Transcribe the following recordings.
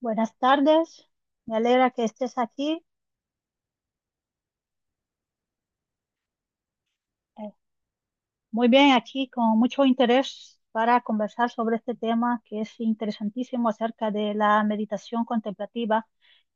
Buenas tardes, me alegra que estés aquí. eh, Muy bien, aquí con mucho interés para conversar sobre este tema que es interesantísimo acerca de la meditación contemplativa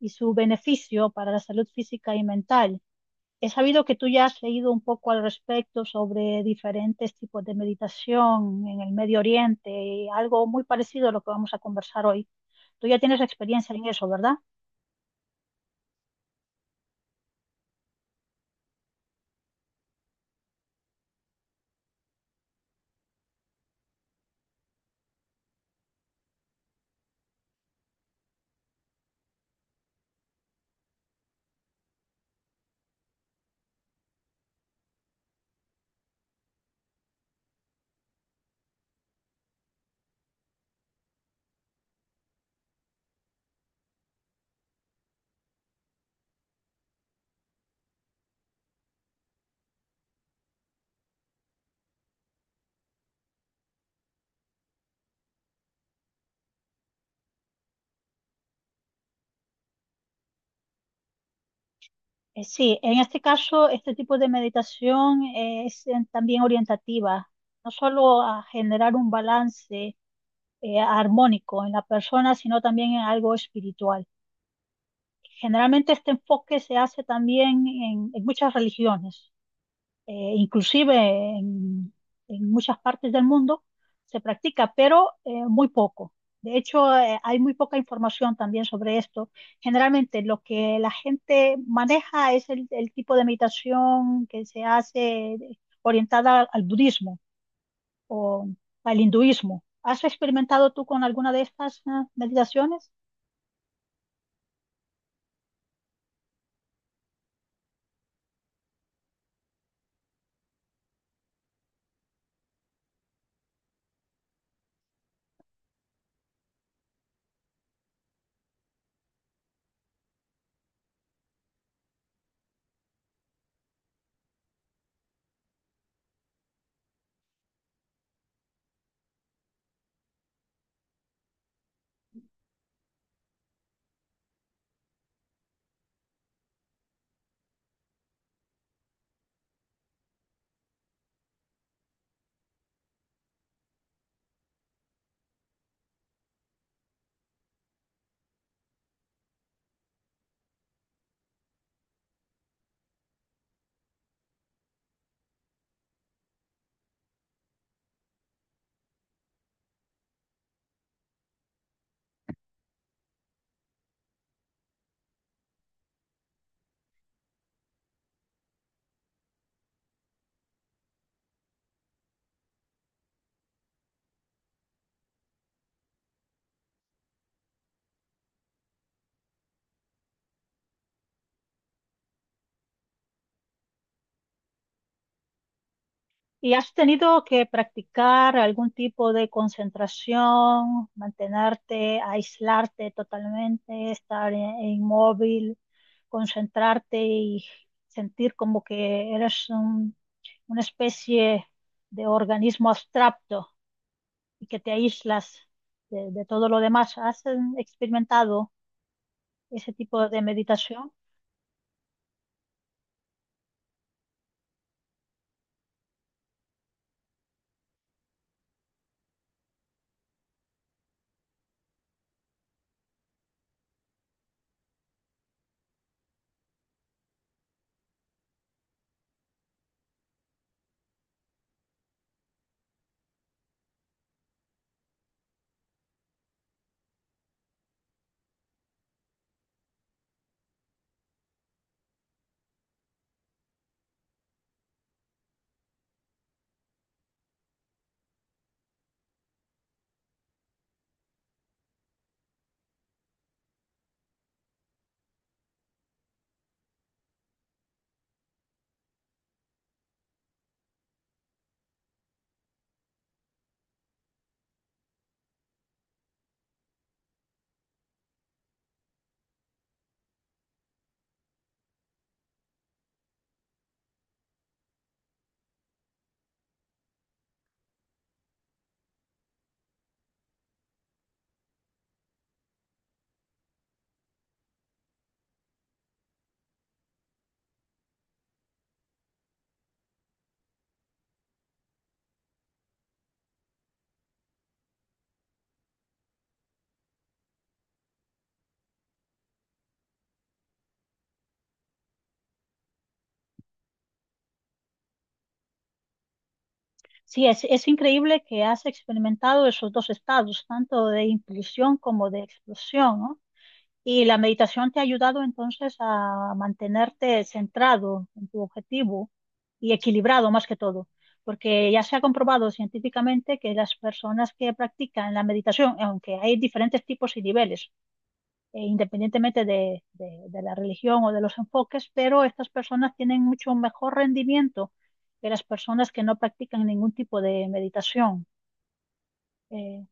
y su beneficio para la salud física y mental. He sabido que tú ya has leído un poco al respecto sobre diferentes tipos de meditación en el Medio Oriente, y algo muy parecido a lo que vamos a conversar hoy. Tú ya tienes experiencia en eso, ¿verdad? Sí, en este caso, este tipo de meditación es también orientativa, no solo a generar un balance armónico en la persona, sino también en algo espiritual. Generalmente este enfoque se hace también en muchas religiones inclusive en, en muchas partes del mundo se practica, pero muy poco. De hecho, hay muy poca información también sobre esto. Generalmente lo que la gente maneja es el tipo de meditación que se hace orientada al budismo o al hinduismo. ¿Has experimentado tú con alguna de estas meditaciones? ¿Y has tenido que practicar algún tipo de concentración, mantenerte, aislarte totalmente, estar inmóvil, concentrarte y sentir como que una especie de organismo abstracto y que te aíslas de todo lo demás? ¿Has experimentado ese tipo de meditación? Sí, es increíble que has experimentado esos dos estados, tanto de inclusión como de explosión, ¿no? Y la meditación te ha ayudado entonces a mantenerte centrado en tu objetivo y equilibrado más que todo, porque ya se ha comprobado científicamente que las personas que practican la meditación, aunque hay diferentes tipos y niveles, independientemente de, de la religión o de los enfoques, pero estas personas tienen mucho mejor rendimiento que las personas que no practican ningún tipo de meditación. Eh,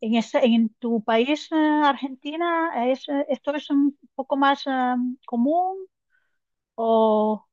en ese, en tu país, Argentina, es, esto es un poco más común o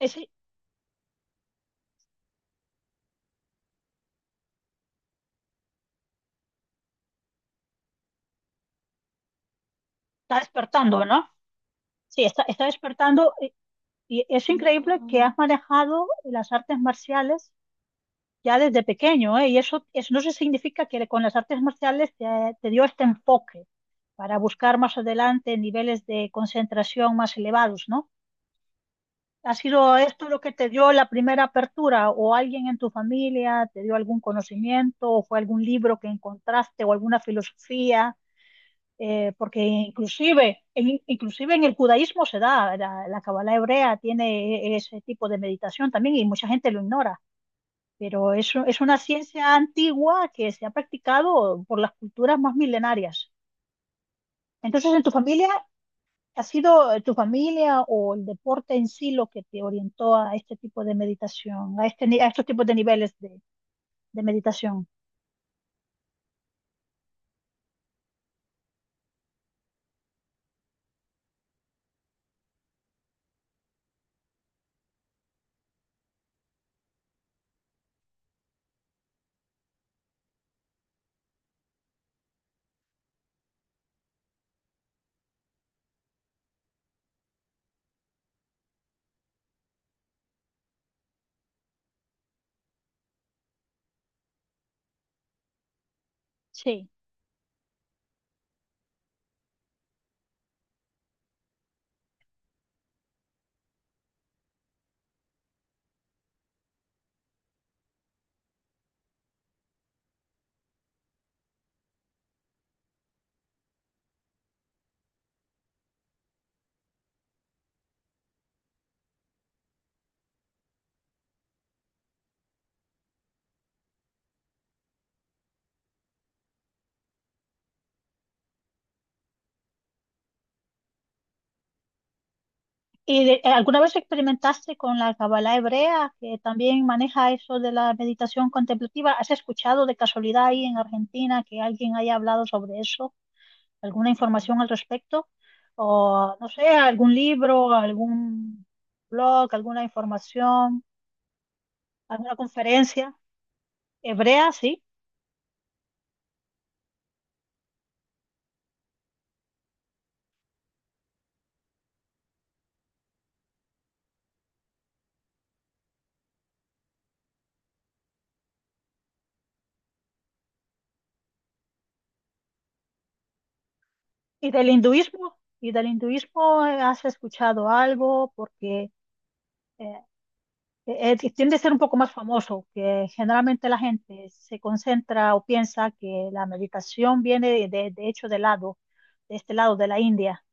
es- está despertando, ¿no? Sí, está, está despertando y es increíble que has manejado las artes marciales ya desde pequeño, ¿eh? Y eso no se significa que con las artes marciales te dio este enfoque para buscar más adelante niveles de concentración más elevados, ¿no? ¿Ha sido esto lo que te dio la primera apertura? ¿O alguien en tu familia te dio algún conocimiento? ¿O fue algún libro que encontraste o alguna filosofía? Porque inclusive, inclusive en el judaísmo se da, la Kabbalah hebrea tiene ese tipo de meditación también y mucha gente lo ignora, pero es una ciencia antigua que se ha practicado por las culturas más milenarias. Entonces, en tu familia ¿ha sido tu familia o el deporte en sí lo que te orientó a este tipo de meditación, a, este, a estos tipos de niveles de meditación? Sí. ¿Y alguna vez experimentaste con la Kabbalah hebrea, que también maneja eso de la meditación contemplativa? ¿Has escuchado de casualidad ahí en Argentina que alguien haya hablado sobre eso? ¿Alguna información al respecto? O, no sé, algún libro, algún blog, alguna información, alguna conferencia hebrea, sí. ¿Y del hinduismo? ¿Y del hinduismo has escuchado algo? Porque eh, tiende a ser un poco más famoso, que generalmente la gente se concentra o piensa que la meditación viene de, de hecho del lado, de este lado de la India,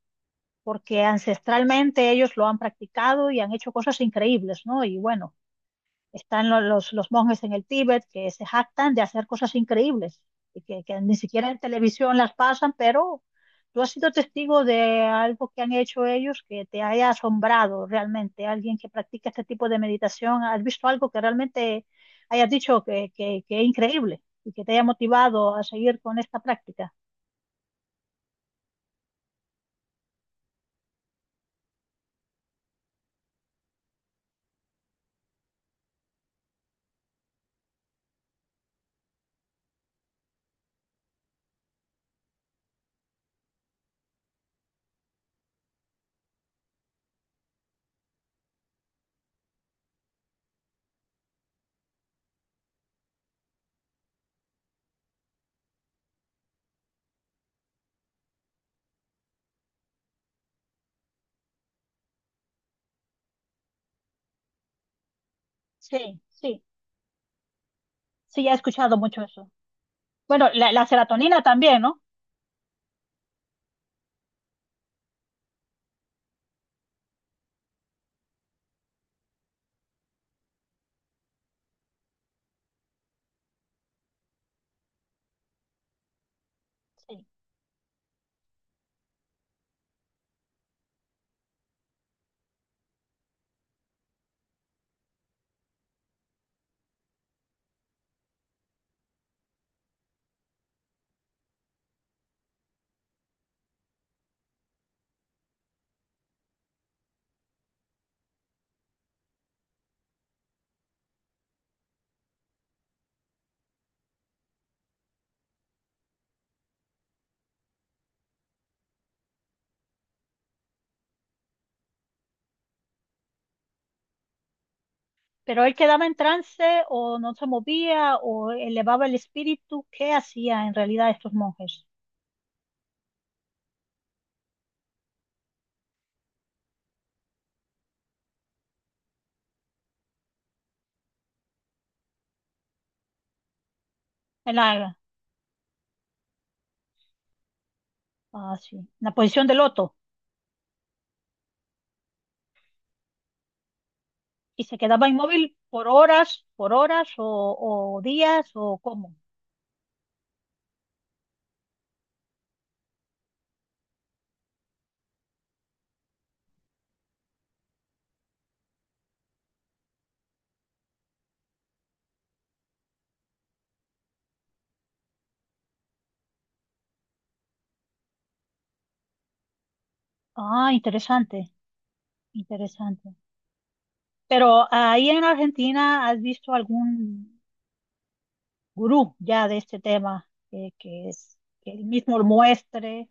porque ancestralmente ellos lo han practicado y han hecho cosas increíbles, ¿no? Y bueno. Están los monjes en el Tíbet que se jactan de hacer cosas increíbles y que ni siquiera en televisión las pasan, pero tú has sido testigo de algo que han hecho ellos que te haya asombrado realmente. Alguien que practica este tipo de meditación, ¿has visto algo que realmente hayas dicho que es increíble y que te haya motivado a seguir con esta práctica? Sí, sí, sí, ya he escuchado mucho eso. Bueno, la serotonina también, ¿no? Sí. Pero él quedaba en trance o no se movía o elevaba el espíritu. ¿Qué hacía en realidad estos monjes? En la, ah, sí, en la posición de loto. ¿Y se quedaba inmóvil por horas o días o cómo? Ah, interesante, interesante. Pero ahí en Argentina, ¿has visto algún gurú ya de este tema que, es, que él mismo muestre?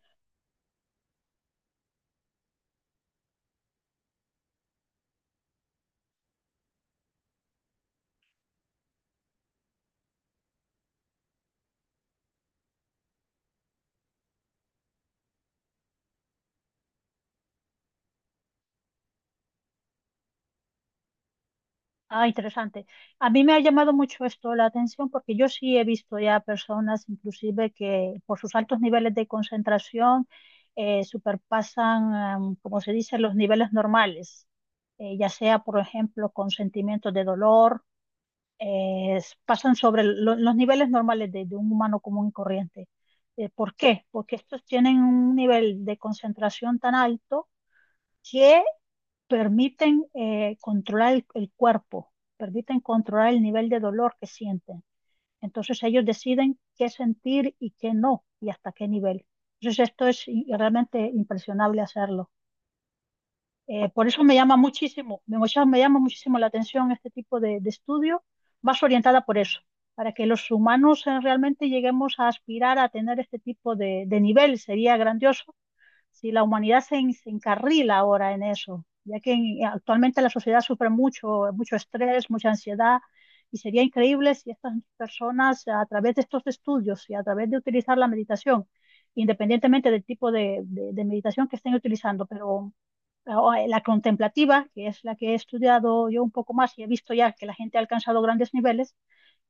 Ah, interesante. A mí me ha llamado mucho esto la atención porque yo sí he visto ya personas, inclusive, que por sus altos niveles de concentración superpasan, como se dice, los niveles normales, ya sea, por ejemplo, con sentimientos de dolor, pasan sobre los niveles normales de un humano común y corriente. ¿Por qué? Porque estos tienen un nivel de concentración tan alto permiten controlar el cuerpo, permiten controlar el nivel de dolor que sienten. Entonces ellos deciden qué sentir y qué no y hasta qué nivel. Entonces esto es realmente impresionable hacerlo. Por eso me llama muchísimo, me llama muchísimo la atención este tipo de estudio, más orientada por eso, para que los humanos realmente lleguemos a aspirar a tener este tipo de nivel. Sería grandioso si la humanidad se, se encarrila ahora en eso, ya que actualmente la sociedad sufre mucho, mucho estrés, mucha ansiedad, y sería increíble si estas personas a través de estos estudios y a través de utilizar la meditación, independientemente del tipo de, de meditación que estén utilizando, pero ah, la contemplativa, que es la que he estudiado yo un poco más y he visto ya que la gente ha alcanzado grandes niveles,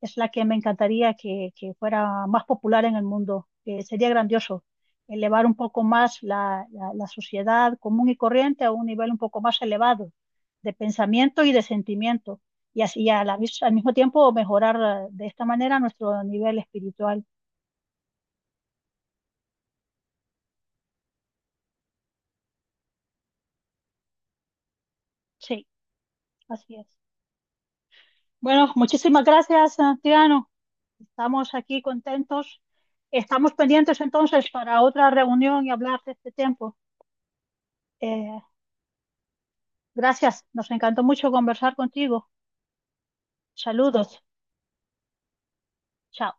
es la que me encantaría que fuera más popular en el mundo. Que sería grandioso elevar un poco más la, la sociedad común y corriente a un nivel un poco más elevado de pensamiento y de sentimiento. Y así a al mismo tiempo mejorar de esta manera nuestro nivel espiritual. Sí, así es. Bueno, muchísimas gracias, Santiago. Estamos aquí contentos. Estamos pendientes entonces para otra reunión y hablar de este tiempo. Eh, Gracias, nos encantó mucho conversar contigo. Saludos. Chao.